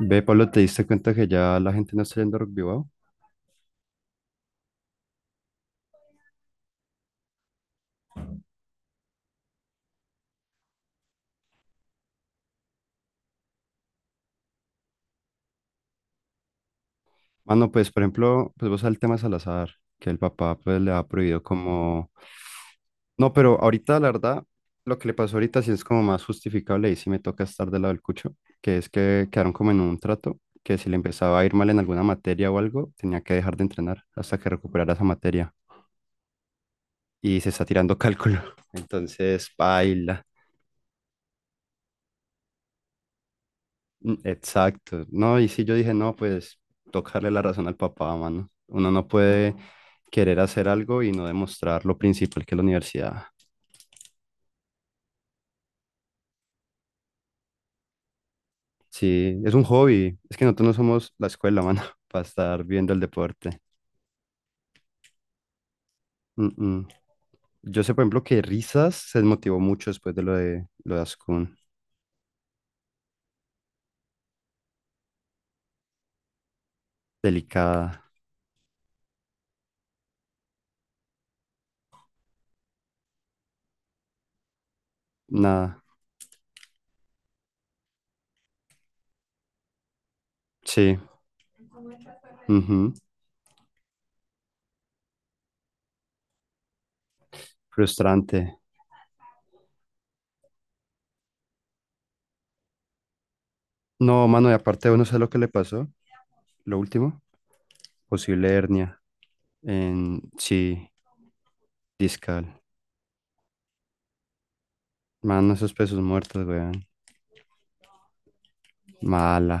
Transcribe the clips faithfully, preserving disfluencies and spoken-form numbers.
Ve, Pablo, ¿te diste cuenta que ya la gente no está yendo a Rock Bilbao? Mano, pues, por ejemplo, pues vos al tema Salazar, que el papá pues le ha prohibido como... No, pero ahorita, la verdad, lo que le pasó ahorita sí es como más justificable y sí me toca estar del lado del cucho, que es que quedaron como en un trato, que si le empezaba a ir mal en alguna materia o algo, tenía que dejar de entrenar hasta que recuperara esa materia. Y se está tirando cálculo. Entonces, baila. Mm, Exacto, no, y si yo dije, no, pues tocarle la razón al papá, mano. Uno no puede querer hacer algo y no demostrar lo principal que es la universidad. Sí, es un hobby, es que nosotros no somos la escuela, mano, para estar viendo el deporte. Mm, mm. Yo sé, por ejemplo, que Risas se desmotivó mucho después de lo de, lo de Ascun. Delicada, nada, sí, ujú, frustrante. No, mano, y aparte, uno sabe lo que le pasó, lo último, posible hernia. En, sí, discal. Mano, esos pesos muertos, weón. Mala.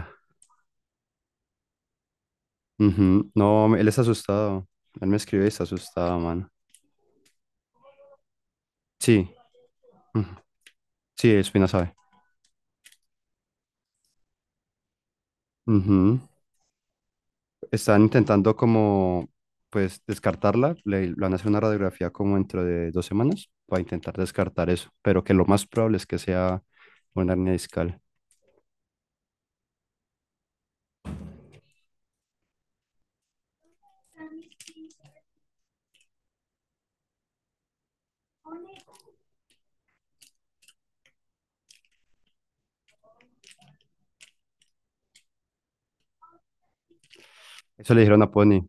Ujú. No, él está asustado. Él me escribe y está asustado, mano. Sí. Ujú. Sí, Espina sabe. Ujú. Están intentando como, pues, descartarla. Le, le van a hacer una radiografía como dentro de dos semanas para intentar descartar eso. Pero que lo más probable es que sea una hernia discal. Eso le dijeron a Pony,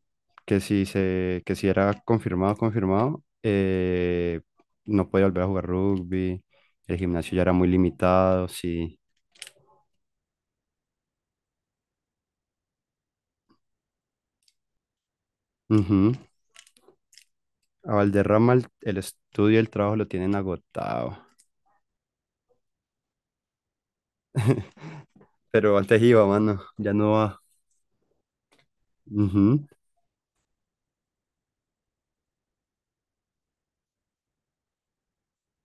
que si se, que si era confirmado, confirmado, eh, no podía volver a jugar rugby, el gimnasio ya era muy limitado, sí. Ujú. A Valderrama el, el estudio y el trabajo lo tienen agotado. Pero antes iba, mano, ya no va. Ujú.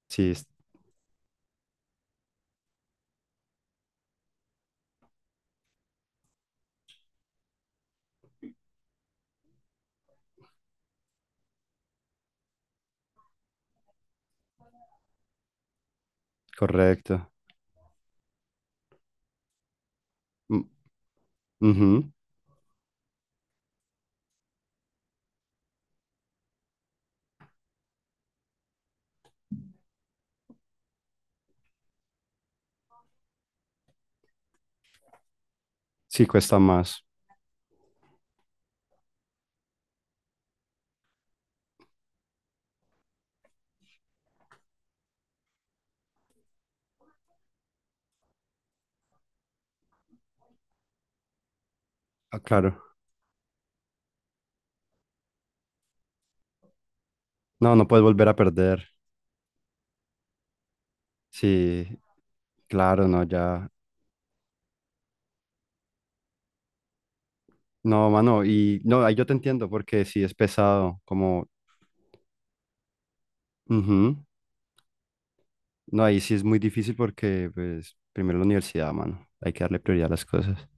Sí, es correcto. Mm, ujú. Sí, cuesta más. Ah, claro. No, no puedes volver a perder. Sí, claro, no, ya. No, mano, y no, ahí yo te entiendo porque sí es pesado, como, ujú. No, ahí sí es muy difícil porque, pues, primero la universidad, mano, hay que darle prioridad a las cosas.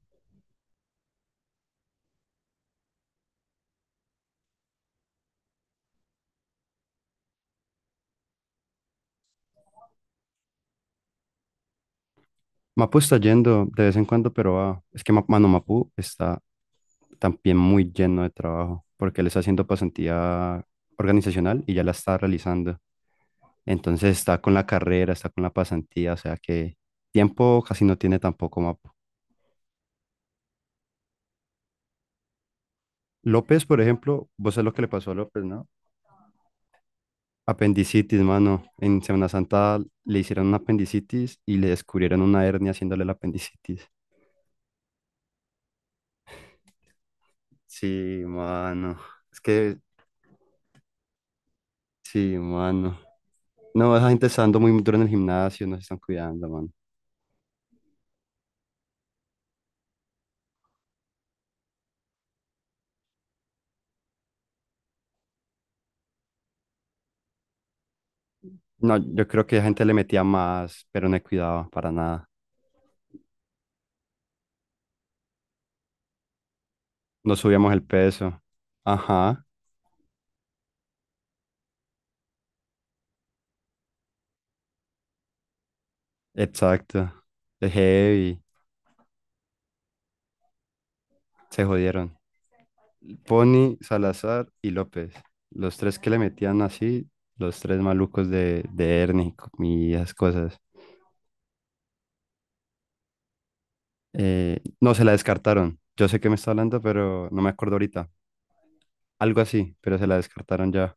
Mapu está yendo de vez en cuando, pero ah, es que, Ma- mano, Mapu está también muy lleno de trabajo porque él está haciendo pasantía organizacional y ya la está realizando. Entonces está con la carrera, está con la pasantía, o sea que tiempo casi no tiene tampoco Mapu. López, por ejemplo, vos sabés lo que le pasó a López, ¿no? Apendicitis, mano. En Semana Santa le hicieron una apendicitis y le descubrieron una hernia haciéndole la apendicitis. Sí, mano. Es que, sí, mano. No, esa gente está dando muy duro en el gimnasio, no se están cuidando, mano. No, yo creo que la gente le metía más, pero no cuidaba para nada. No subíamos el peso. Ajá, exacto. Es heavy. Se jodieron. Pony, Salazar y López. Los tres que le metían así, los tres malucos de, de Ernie y esas cosas. Eh, no, se la descartaron. Yo sé que me está hablando, pero no me acuerdo ahorita. Algo así, pero se la descartaron ya.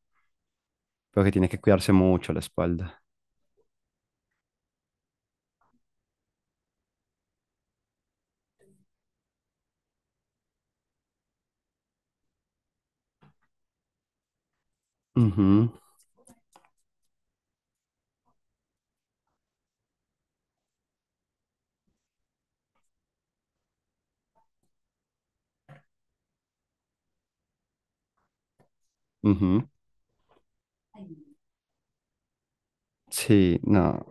Pero que tiene que cuidarse mucho la espalda. Ujú, ujú. Sí, no.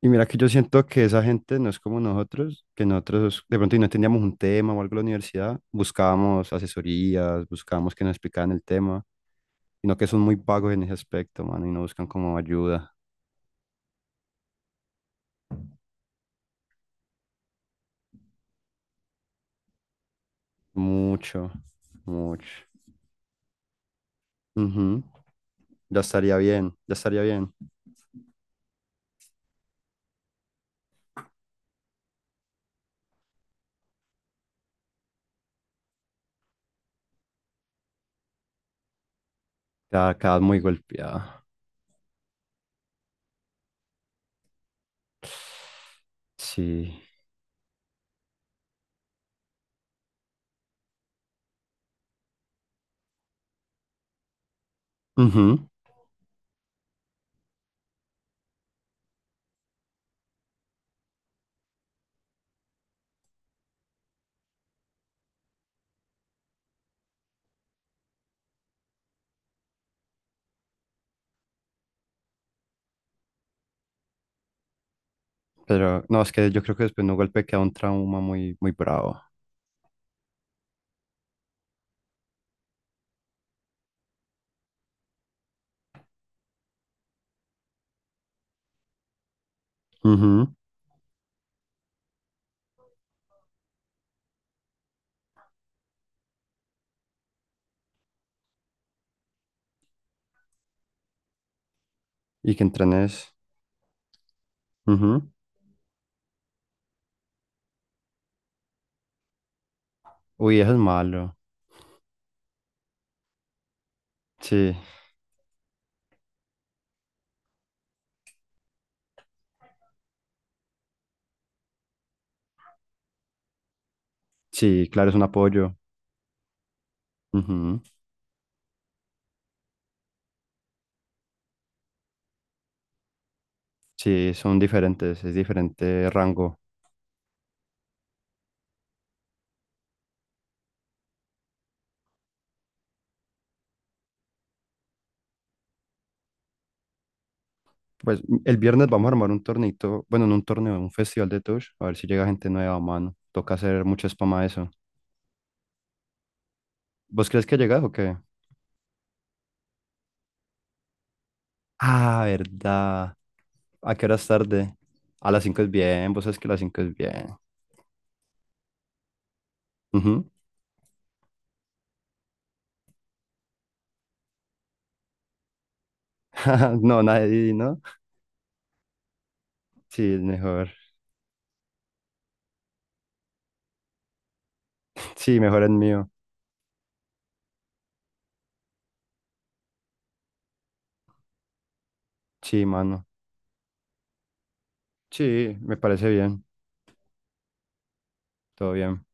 Y mira que yo siento que esa gente no es como nosotros, que nosotros de pronto y no teníamos un tema o algo en la universidad, buscábamos asesorías, buscábamos que nos explicaran el tema, sino que son muy vagos en ese aspecto, mano, y no buscan como ayuda. Mucho, mucho. Ujú. Ya estaría bien, ya estaría bien. Cada, cada muy golpeada. Sí. Ujú. Pero no, es que yo creo que después de un golpe queda un trauma muy, muy bravo. Ujú. Y que entrenes. Ujú. Uy, eso es malo. Sí, sí, claro, es un apoyo. Ujú. Sí, son diferentes, es diferente rango. Pues el viernes vamos a armar un tornito, bueno, no un torneo, un festival de Touch, a ver si llega gente nueva, mano. Toca hacer mucha spam a eso. ¿Vos crees que llegas o qué? Ah, verdad. ¿A qué hora es tarde? A las cinco es bien, vos sabes que a las cinco es bien. Ujú. No, nadie, ¿no? Sí, mejor. Sí, mejor el mío. Sí, mano. Sí, me parece bien. Todo bien.